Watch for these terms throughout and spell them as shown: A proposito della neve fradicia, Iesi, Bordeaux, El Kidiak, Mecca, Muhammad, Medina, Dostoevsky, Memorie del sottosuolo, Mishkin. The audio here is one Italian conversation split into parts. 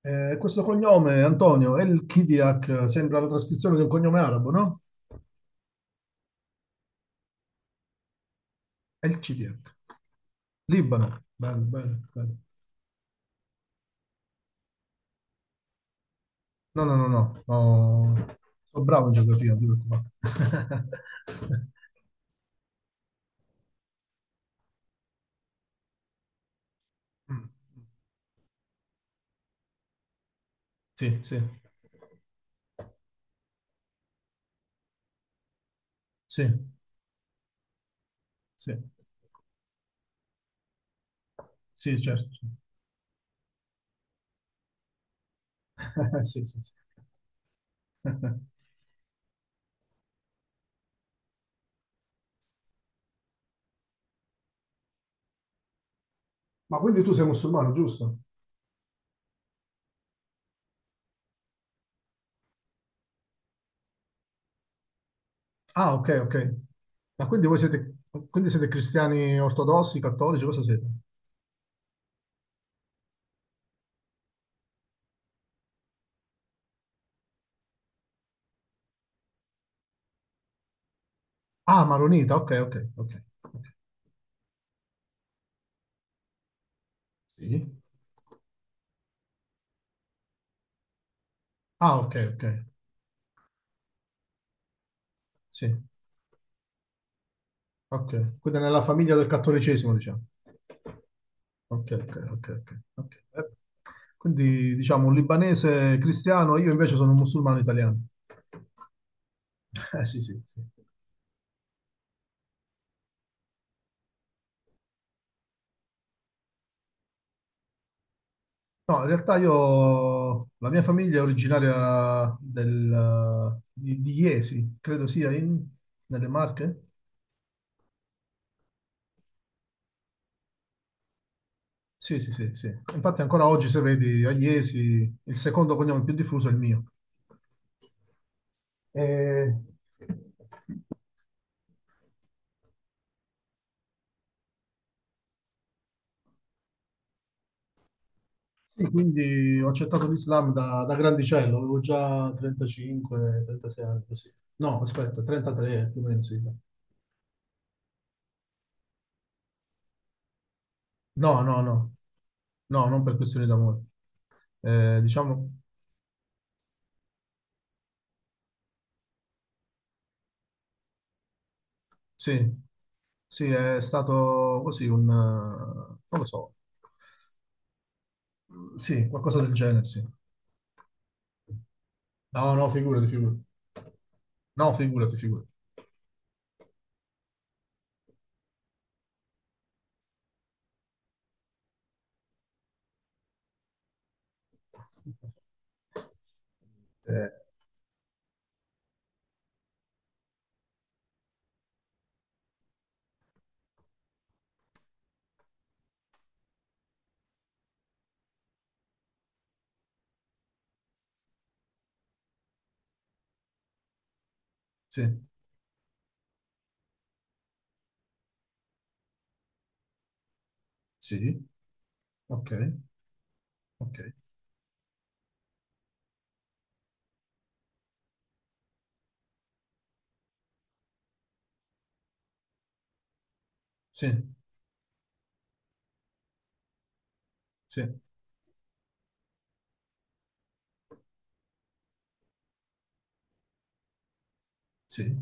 Questo cognome, Antonio, El Kidiak, sembra la trascrizione di un cognome arabo, no? El Kidiak, Libano. Bello, bello, bello. No, no, no, no, no. Sono bravo in geografia, non ti preoccupare. Mm, sì, sì, sì, sì, certo, certo. Sì. Ma quindi tu sei musulmano, giusto? Ah, ok, ok. Ma quindi voi siete, quindi siete cristiani ortodossi, cattolici, cosa siete? Ah, maronita, ok, ok, ok, ok. Sì. Ah, ok, ok. Sì. Ok, quindi nella famiglia del cattolicesimo, diciamo. Ok, ok, ok, ok, ok. Quindi, diciamo, un libanese cristiano, io invece sono un musulmano italiano. Sì, sì, sì. No, in realtà io, la mia famiglia è originaria di Iesi, credo sia in, nelle Marche. Sì, sì, sì, sì. Infatti ancora oggi, se vedi, a Iesi il secondo cognome più diffuso è il mio. Eh, Sì, quindi ho accettato l'Islam da, da grandicello, avevo già 35, 36 anni, così. No, aspetta, 33 più o meno, sì. No, no, no, no, non per questioni d'amore. Diciamo, sì, sì, è stato così un, non lo so, mm, sì, qualcosa del genere, sì. No, no, figurati, figurati. No, figurati, figurati. Eh, sì, sì, ok, ok, sì, sì, sì,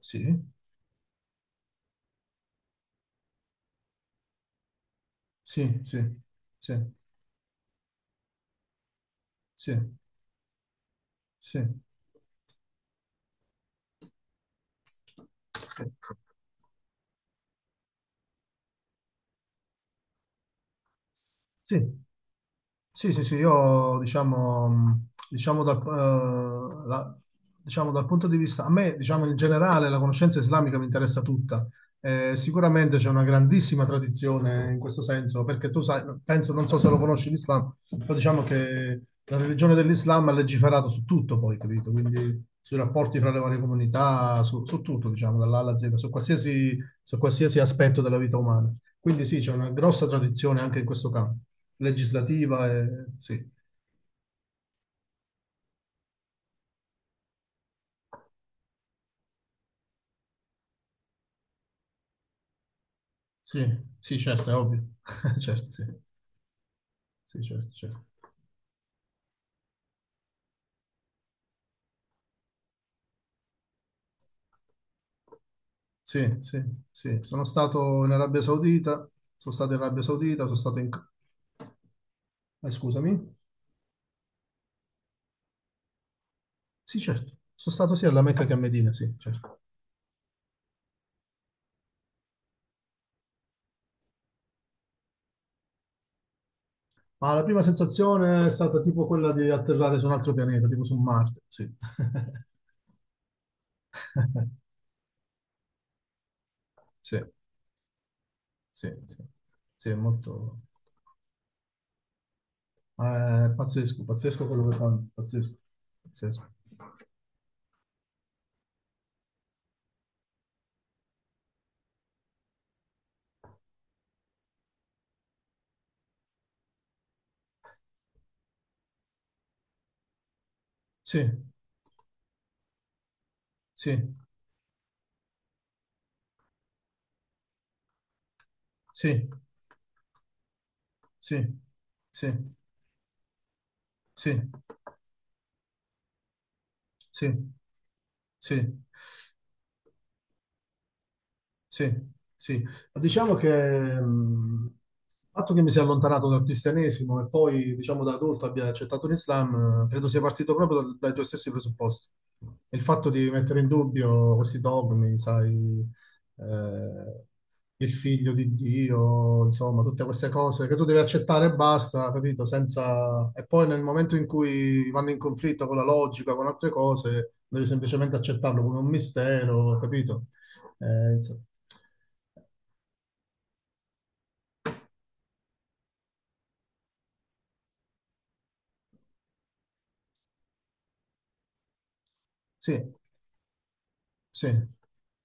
sì, sì, sì, sì, sì, sì, sì, sì. Sì, sì, sì, io diciamo, diciamo, diciamo dal punto di vista, a me diciamo in generale la conoscenza islamica mi interessa tutta. Sicuramente c'è una grandissima tradizione in questo senso, perché tu sai, penso, non so se lo conosci l'Islam, però diciamo che la religione dell'Islam ha legiferato su tutto poi, capito? Quindi sui rapporti fra le varie comunità, su tutto, diciamo, dall'A alla Z, su qualsiasi aspetto della vita umana. Quindi sì, c'è una grossa tradizione anche in questo campo legislativa e sì, sì, sì, certo, è ovvio. Certo, sì, sì, certo, certo. Sì, sì, sì. Sono stato in Arabia Saudita, sono stato in... scusami. Sì, certo. Sono stato sia alla Mecca che a Medina, sì, certo. Ma la prima sensazione è stata tipo quella di atterrare su un altro pianeta, tipo su Marte. Sì. Sì, sì, sì, sì, è molto pazzesco, pazzesco quello che fanno, pazzesco, pazzesco. Sì, sì, sì, sì, sì, sì, sì, sì. Sì, sì. Ma diciamo che il fatto che mi sia allontanato dal cristianesimo e poi, diciamo, da adulto abbia accettato l'Islam, credo sia partito proprio dai tuoi stessi presupposti. E il fatto di mettere in dubbio questi dogmi, sai, eh, il figlio di Dio, insomma, tutte queste cose che tu devi accettare e basta, capito? Senza... E poi nel momento in cui vanno in conflitto con la logica, con altre cose, devi semplicemente accettarlo come un mistero, capito? Insomma. Sì, sì,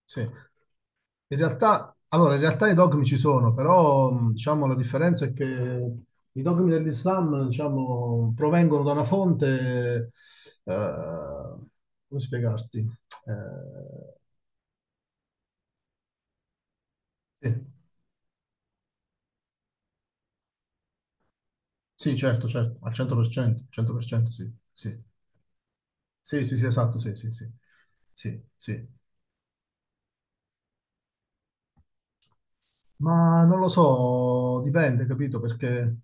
sì. In realtà, allora, in realtà i dogmi ci sono, però diciamo, la differenza è che i dogmi dell'Islam diciamo, provengono da una fonte, eh, come spiegarti? Eh, eh, sì, certo, certo, al 100%, 100%, sì, sì, sì, sì, sì, esatto, sì. Ma non lo so, dipende, capito? Perché...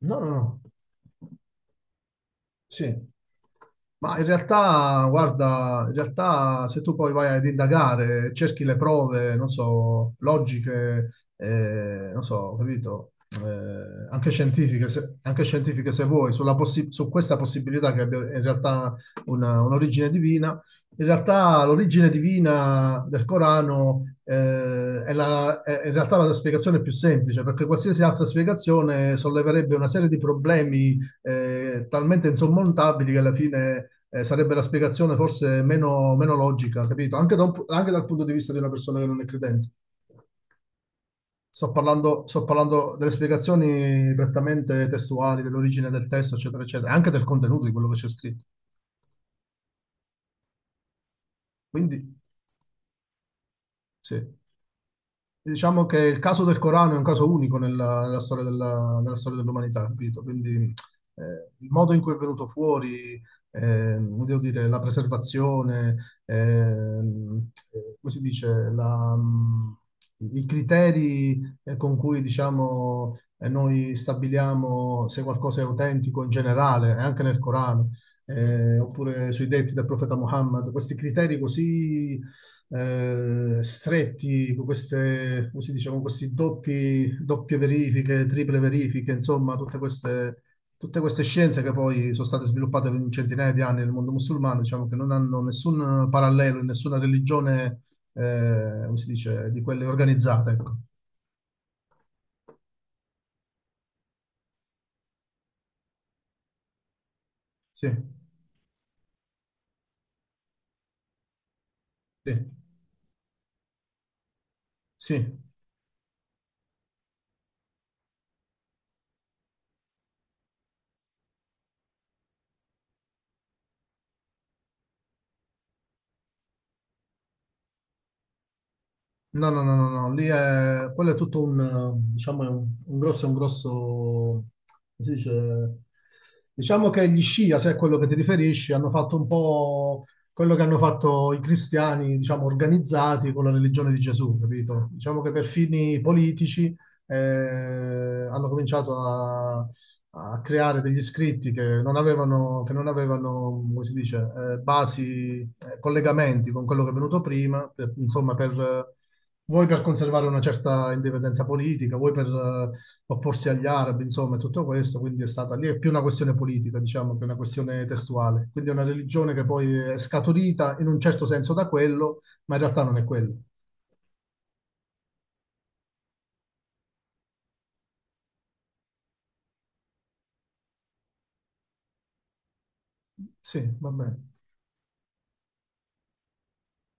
No, no, no. Sì. Ma in realtà, guarda, in realtà se tu poi vai ad indagare, cerchi le prove, non so, logiche, non so, capito, anche scientifiche se vuoi, sulla su questa possibilità che abbia in realtà un'origine divina, in realtà l'origine divina del Corano, è in realtà la spiegazione più semplice, perché qualsiasi altra spiegazione solleverebbe una serie di problemi talmente insormontabili che alla fine sarebbe la spiegazione forse meno, meno logica, capito? Anche, anche dal punto di vista di una persona che non è credente. Sto parlando delle spiegazioni prettamente testuali, dell'origine del testo, eccetera, eccetera, anche del contenuto di quello che c'è scritto. Quindi, sì. Diciamo che il caso del Corano è un caso unico nella, nella storia nella storia dell'umanità, capito? Quindi il modo in cui è venuto fuori, come devo dire, la preservazione, come si dice, la, i criteri con cui diciamo, noi stabiliamo se qualcosa è autentico in generale, anche nel Corano, oppure sui detti del profeta Muhammad, questi criteri così stretti, con queste, come si dice, con questi doppi, doppie verifiche, triple verifiche, insomma, tutte queste scienze che poi sono state sviluppate in centinaia di anni nel mondo musulmano, diciamo che non hanno nessun parallelo in nessuna religione, come si dice, di quelle organizzate. Ecco. Sì, sì, sì. No, no, no, no, no, quello è tutto un, diciamo, è un grosso, come si dice, diciamo che gli Scia, se è quello che ti riferisci, hanno fatto un po' quello che hanno fatto i cristiani, diciamo, organizzati con la religione di Gesù, capito? Diciamo che per fini politici hanno cominciato a creare degli scritti che non avevano, come si dice, basi, collegamenti con quello che è venuto prima, insomma, per... vuoi per conservare una certa indipendenza politica, vuoi per opporsi agli arabi, insomma, e tutto questo, quindi è stata lì, è più una questione politica, diciamo, che una questione testuale. Quindi è una religione che poi è scaturita in un certo senso da quello, ma in realtà non è quello. Sì, va bene.